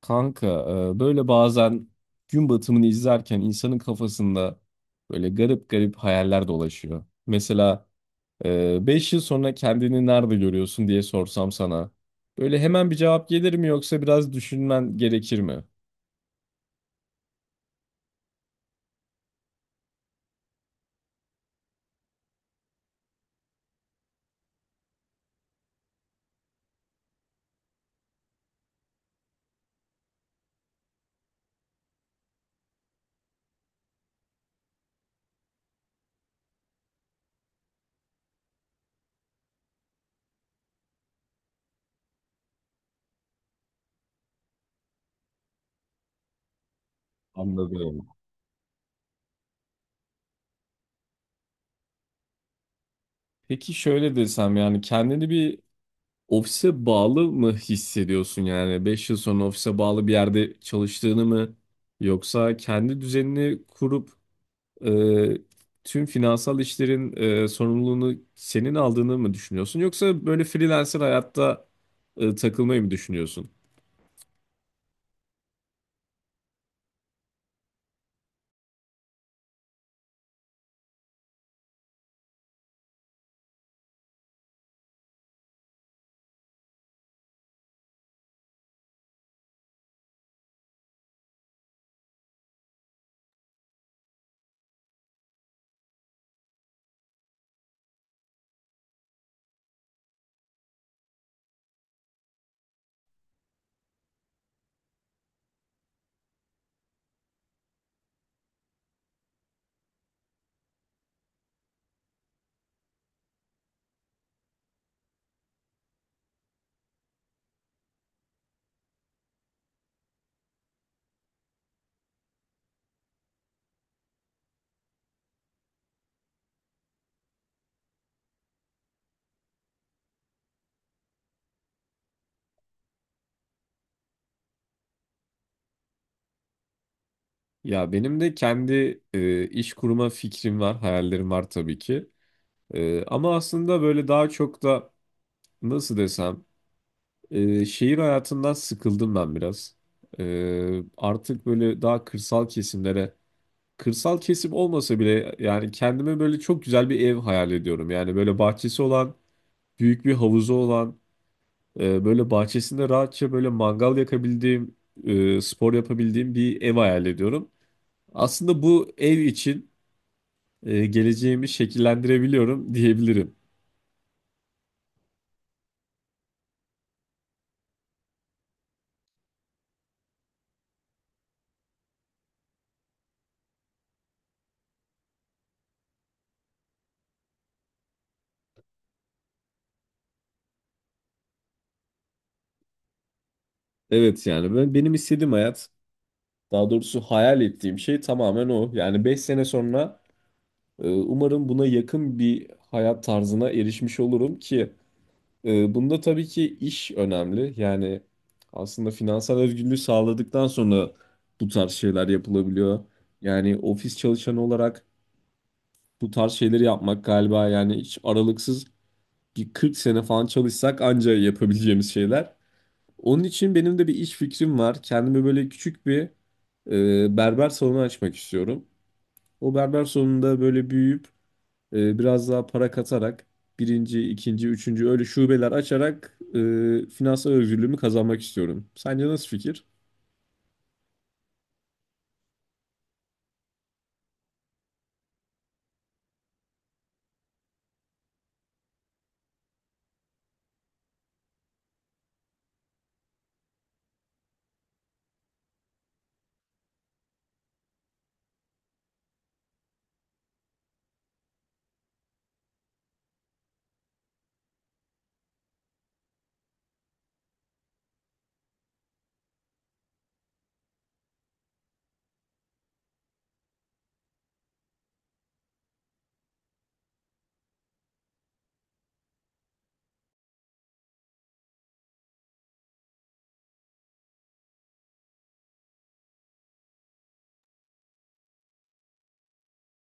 Kanka, böyle bazen gün batımını izlerken insanın kafasında böyle garip garip hayaller dolaşıyor. Mesela 5 yıl sonra kendini nerede görüyorsun diye sorsam sana. Böyle hemen bir cevap gelir mi yoksa biraz düşünmen gerekir mi? Anladım. Peki şöyle desem, yani kendini bir ofise bağlı mı hissediyorsun? Yani 5 yıl sonra ofise bağlı bir yerde çalıştığını mı, yoksa kendi düzenini kurup e, tüm finansal işlerin sorumluluğunu senin aldığını mı düşünüyorsun? Yoksa böyle freelancer hayatta takılmayı mı düşünüyorsun? Ya benim de kendi iş kurma fikrim var, hayallerim var tabii ki. Ama aslında böyle daha çok da nasıl desem, şehir hayatından sıkıldım ben biraz. Artık böyle daha kırsal kesimlere, kırsal kesim olmasa bile, yani kendime böyle çok güzel bir ev hayal ediyorum. Yani böyle bahçesi olan, büyük bir havuzu olan, böyle bahçesinde rahatça böyle mangal yakabildiğim, spor yapabildiğim bir ev hayal ediyorum. Aslında bu ev için geleceğimi şekillendirebiliyorum diyebilirim. Evet yani benim istediğim hayat, daha doğrusu hayal ettiğim şey tamamen o. Yani 5 sene sonra, umarım buna yakın bir hayat tarzına erişmiş olurum ki bunda tabii ki iş önemli. Yani aslında finansal özgürlüğü sağladıktan sonra bu tarz şeyler yapılabiliyor. Yani ofis çalışanı olarak bu tarz şeyleri yapmak galiba, yani hiç aralıksız bir 40 sene falan çalışsak anca yapabileceğimiz şeyler. Onun için benim de bir iş fikrim var. Kendime böyle küçük bir berber salonu açmak istiyorum. O berber salonunda böyle büyüyüp, biraz daha para katarak birinci, ikinci, üçüncü öyle şubeler açarak finansal özgürlüğümü kazanmak istiyorum. Sence nasıl fikir?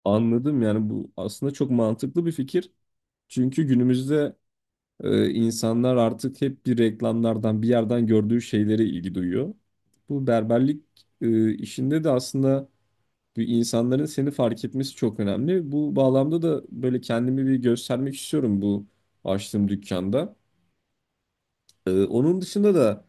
Anladım, yani bu aslında çok mantıklı bir fikir. Çünkü günümüzde insanlar artık hep bir reklamlardan, bir yerden gördüğü şeylere ilgi duyuyor. Bu berberlik işinde de aslında bir, insanların seni fark etmesi çok önemli. Bu bağlamda da böyle kendimi bir göstermek istiyorum bu açtığım dükkanda. Onun dışında da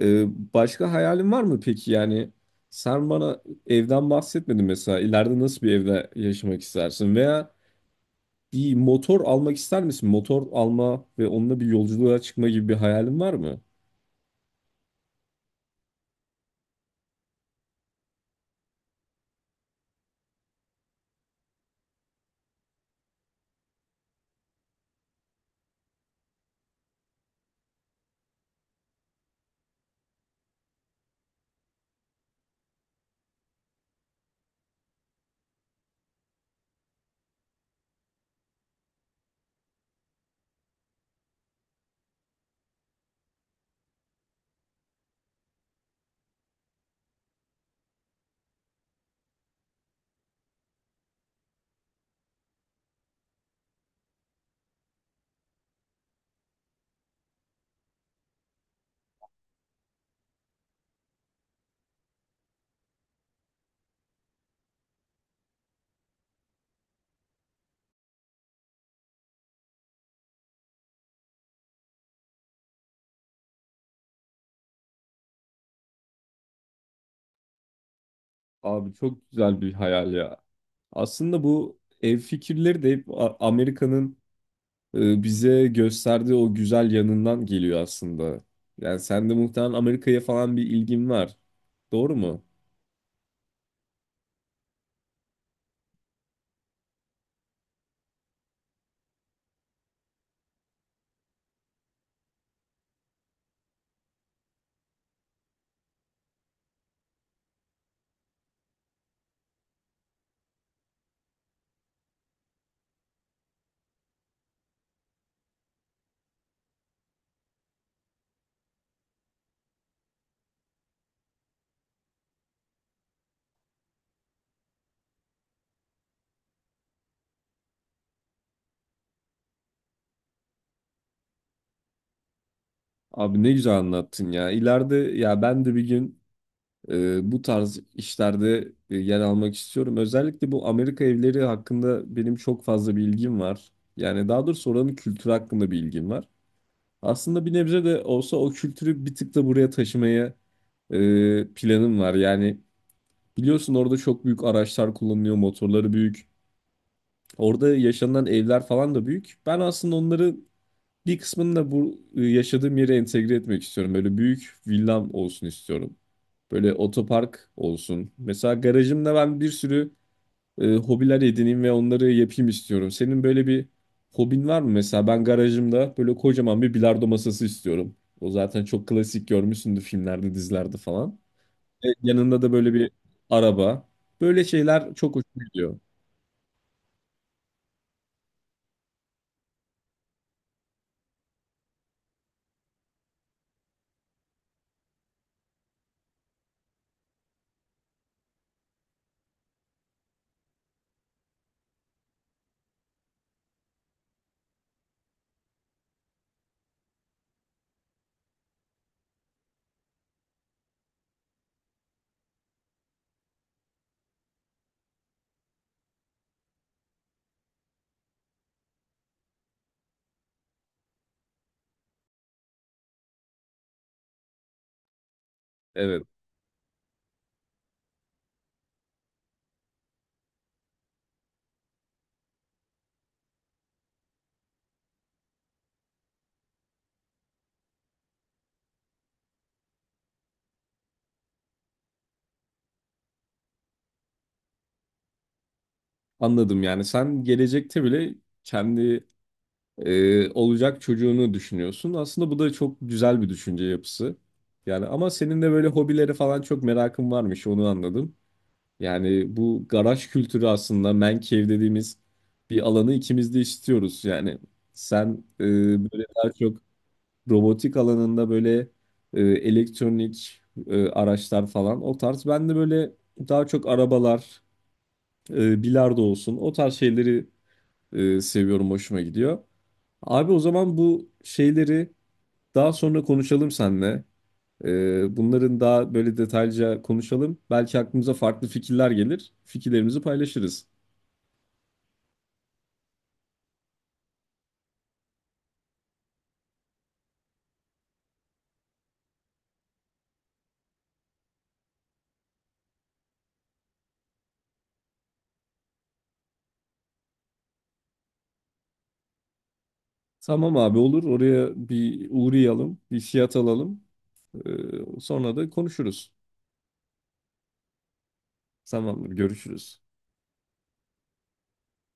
başka hayalin var mı peki? Yani sen bana evden bahsetmedin mesela. İleride nasıl bir evde yaşamak istersin? Veya bir motor almak ister misin? Motor alma ve onunla bir yolculuğa çıkma gibi bir hayalin var mı? Abi çok güzel bir hayal ya. Aslında bu ev fikirleri de hep Amerika'nın bize gösterdiği o güzel yanından geliyor aslında. Yani sen de muhtemelen Amerika'ya falan bir ilgin var. Doğru mu? Abi ne güzel anlattın ya. İleride ya ben de bir gün bu tarz işlerde yer almak istiyorum. Özellikle bu Amerika evleri hakkında benim çok fazla bilgim var. Yani daha doğrusu oranın kültürü hakkında bilgim var. Aslında bir nebze de olsa o kültürü bir tık da buraya taşımaya planım var. Yani biliyorsun orada çok büyük araçlar kullanılıyor, motorları büyük. Orada yaşanan evler falan da büyük. Ben aslında onları, bir kısmını da bu yaşadığım yere entegre etmek istiyorum. Böyle büyük villam olsun istiyorum. Böyle otopark olsun. Mesela garajımda ben bir sürü hobiler edineyim ve onları yapayım istiyorum. Senin böyle bir hobin var mı? Mesela ben garajımda böyle kocaman bir bilardo masası istiyorum. O zaten çok klasik, görmüşsündür filmlerde, dizilerde falan. Ve yanında da böyle bir araba. Böyle şeyler çok hoşuma gidiyor. Evet, anladım yani. Sen gelecekte bile kendi olacak çocuğunu düşünüyorsun. Aslında bu da çok güzel bir düşünce yapısı. Yani ama senin de böyle hobilere falan çok merakın varmış, onu anladım. Yani bu garaj kültürü, aslında man cave dediğimiz bir alanı ikimiz de istiyoruz. Yani sen böyle daha çok robotik alanında, böyle elektronik araçlar falan o tarz. Ben de böyle daha çok arabalar, bilardo olsun, o tarz şeyleri seviyorum, hoşuma gidiyor. Abi o zaman bu şeyleri daha sonra konuşalım seninle. Bunların daha böyle detaylıca konuşalım. Belki aklımıza farklı fikirler gelir. Fikirlerimizi paylaşırız. Tamam abi, olur. Oraya bir uğrayalım, bir fiyat alalım. Sonra da konuşuruz. Tamamdır, görüşürüz.